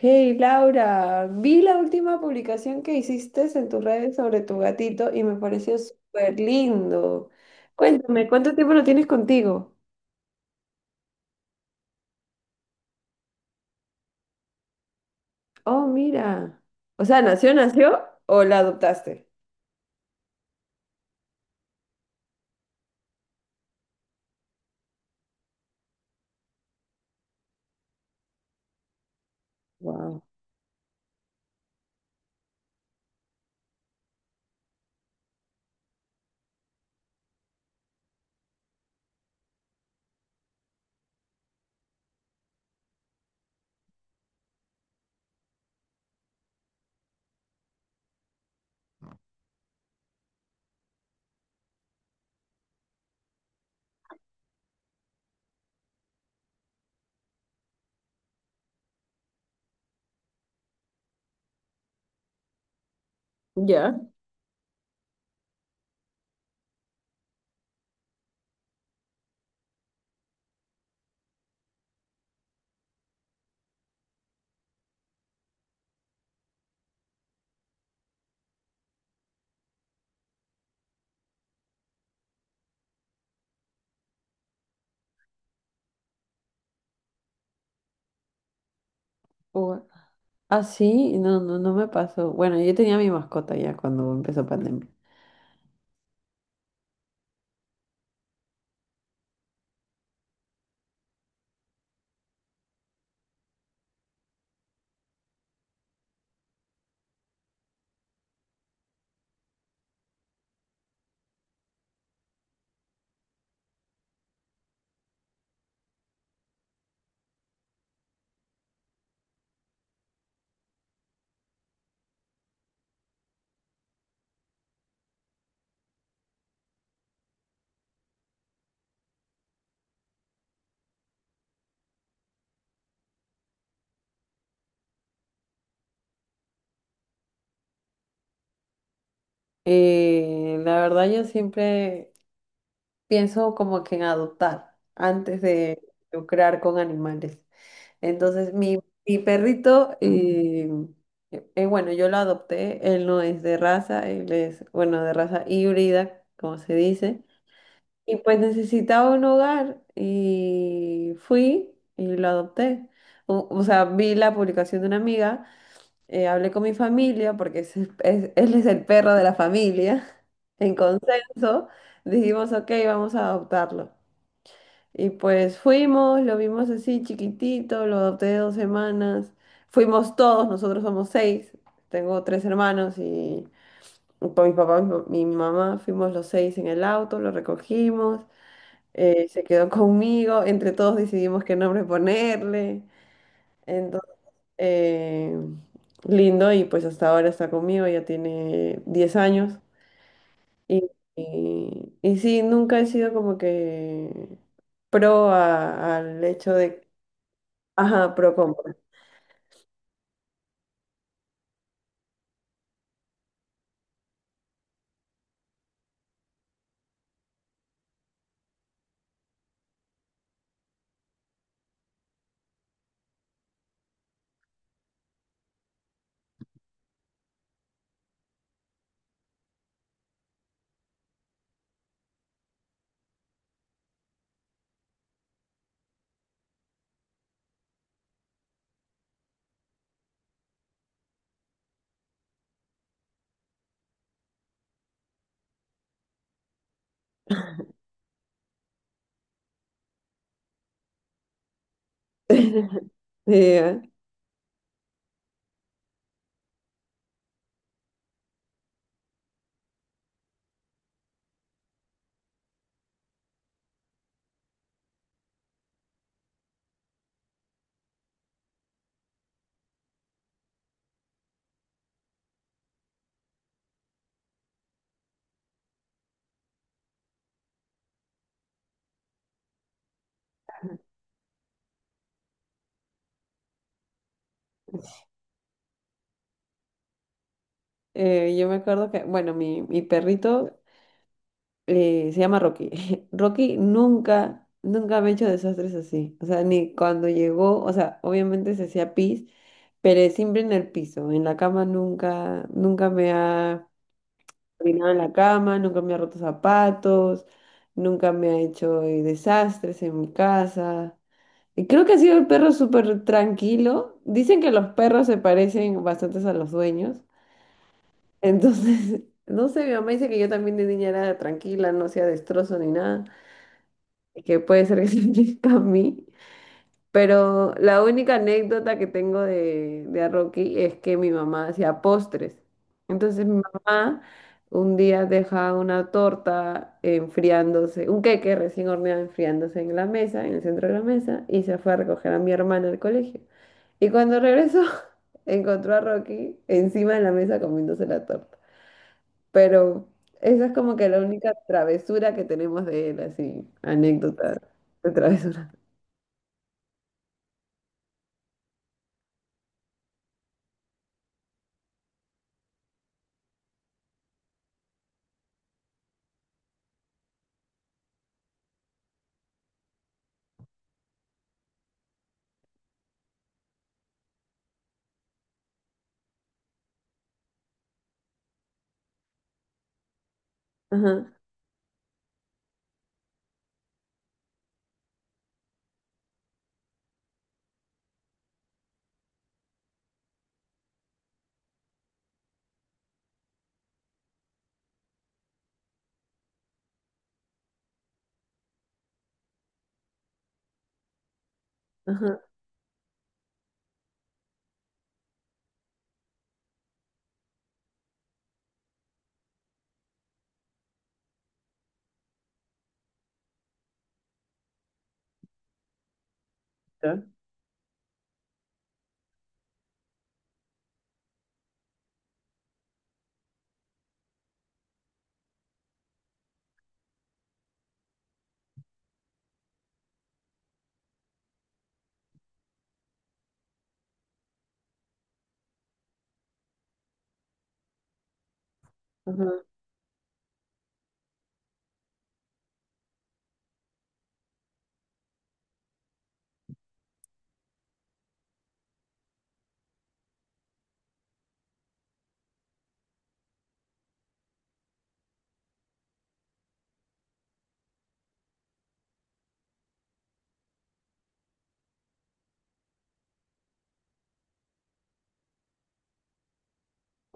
Hey Laura, vi la última publicación que hiciste en tus redes sobre tu gatito y me pareció súper lindo. Cuéntame, ¿cuánto tiempo lo tienes contigo? Oh, mira. O sea, ¿nació, nació o la adoptaste? Wow. Ya. Ua- Ah, sí, no, no, no me pasó. Bueno, yo tenía mi mascota ya cuando empezó pandemia. La verdad, yo siempre pienso como que en adoptar antes de lucrar con animales. Entonces, mi perrito, bueno, yo lo adopté, él no es de raza, él es, bueno, de raza híbrida, como se dice, y pues necesitaba un hogar y fui y lo adopté. O sea, vi la publicación de una amiga, hablé con mi familia, porque él es el perro de la familia, en consenso, dijimos, ok, vamos a adoptarlo. Y pues fuimos, lo vimos así chiquitito, lo adopté de 2 semanas. Fuimos todos, nosotros somos seis. Tengo tres hermanos y con mi papá, mi mamá, fuimos los seis en el auto, lo recogimos, se quedó conmigo, entre todos decidimos qué nombre ponerle. Entonces, eh, lindo y pues hasta ahora está conmigo, ya tiene 10 años. Y sí, nunca he sido como que al hecho de Ajá, pro compra. Eh, yo me acuerdo que, bueno, mi perrito se llama Rocky. Rocky nunca, nunca me ha hecho desastres así. O sea, ni cuando llegó, o sea, obviamente se hacía pis, pero siempre en el piso. En la cama nunca, nunca me ha orinado en la cama, nunca me ha roto zapatos, nunca me ha hecho desastres en mi casa. Y creo que ha sido el perro súper tranquilo. Dicen que los perros se parecen bastante a los dueños. Entonces, no sé, mi mamá dice que yo también de niña era tranquila, no hacía destrozo ni nada, y que puede ser que se aplica a mí. Pero la única anécdota que tengo de a Rocky es que mi mamá hacía postres. Entonces mi mamá un día deja una torta enfriándose, un queque recién horneado enfriándose en la mesa, en el centro de la mesa, y se fue a recoger a mi hermana al colegio. Y cuando regresó, encontró a Rocky encima de la mesa comiéndose la torta. Pero esa es como que la única travesura que tenemos de él, así, anécdota de travesura. Ajá, ajá, ya, ajá,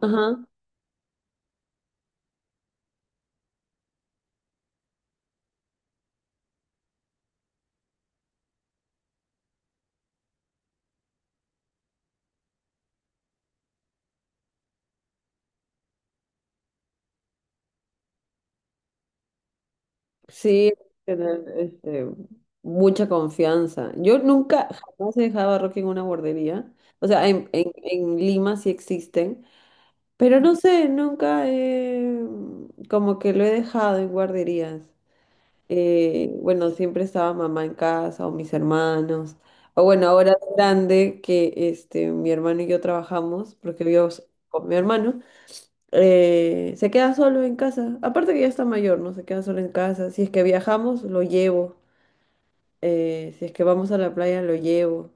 ajá. Sí, tener mucha confianza. Yo nunca, jamás he dejado a Rocky en una guardería. O sea, en Lima sí existen, pero no sé, nunca he, como que lo he dejado en guarderías. Bueno, siempre estaba mamá en casa o mis hermanos. O bueno, ahora es grande que mi hermano y yo trabajamos, porque vivo con mi hermano, se queda solo en casa. Aparte que ya está mayor, ¿no? Se queda solo en casa. Si es que viajamos, lo llevo. Si es que vamos a la playa, lo llevo.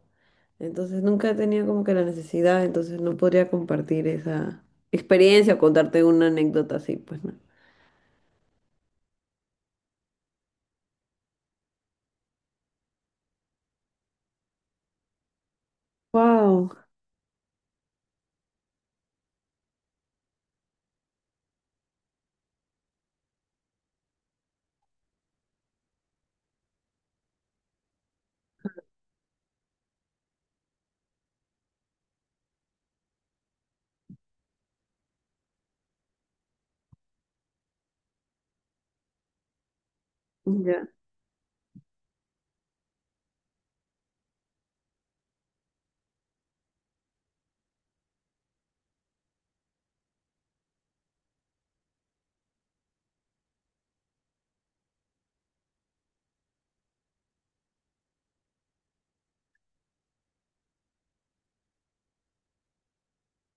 Entonces nunca he tenido como que la necesidad, entonces no podría compartir esa experiencia o contarte una anécdota así, pues no. Wow. Ya.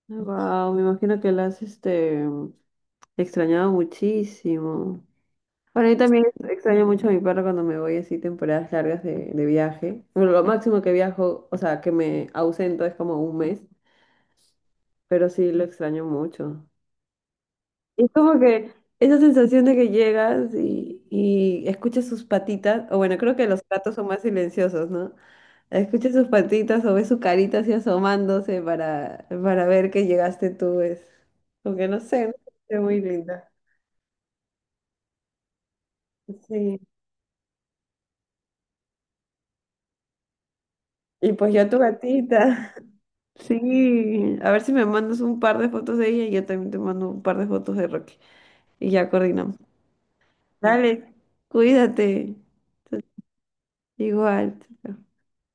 Wow, me imagino que la has. Extrañaba muchísimo. Bueno, yo también extraño mucho a mi perro cuando me voy así temporadas largas de viaje. Bueno, lo máximo que viajo, o sea, que me ausento es como un mes, pero sí lo extraño mucho. Y es como que esa sensación de que llegas y escuchas sus patitas, o bueno, creo que los gatos son más silenciosos, ¿no? Escuchas sus patitas o ves su carita así asomándose para ver que llegaste tú, es como que no sé, ¿no? Es muy linda. Sí. Y pues yo a tu gatita. Sí, a ver si me mandas un par de fotos de ella y yo también te mando un par de fotos de Rocky. Y ya coordinamos. Dale, cuídate. Igual.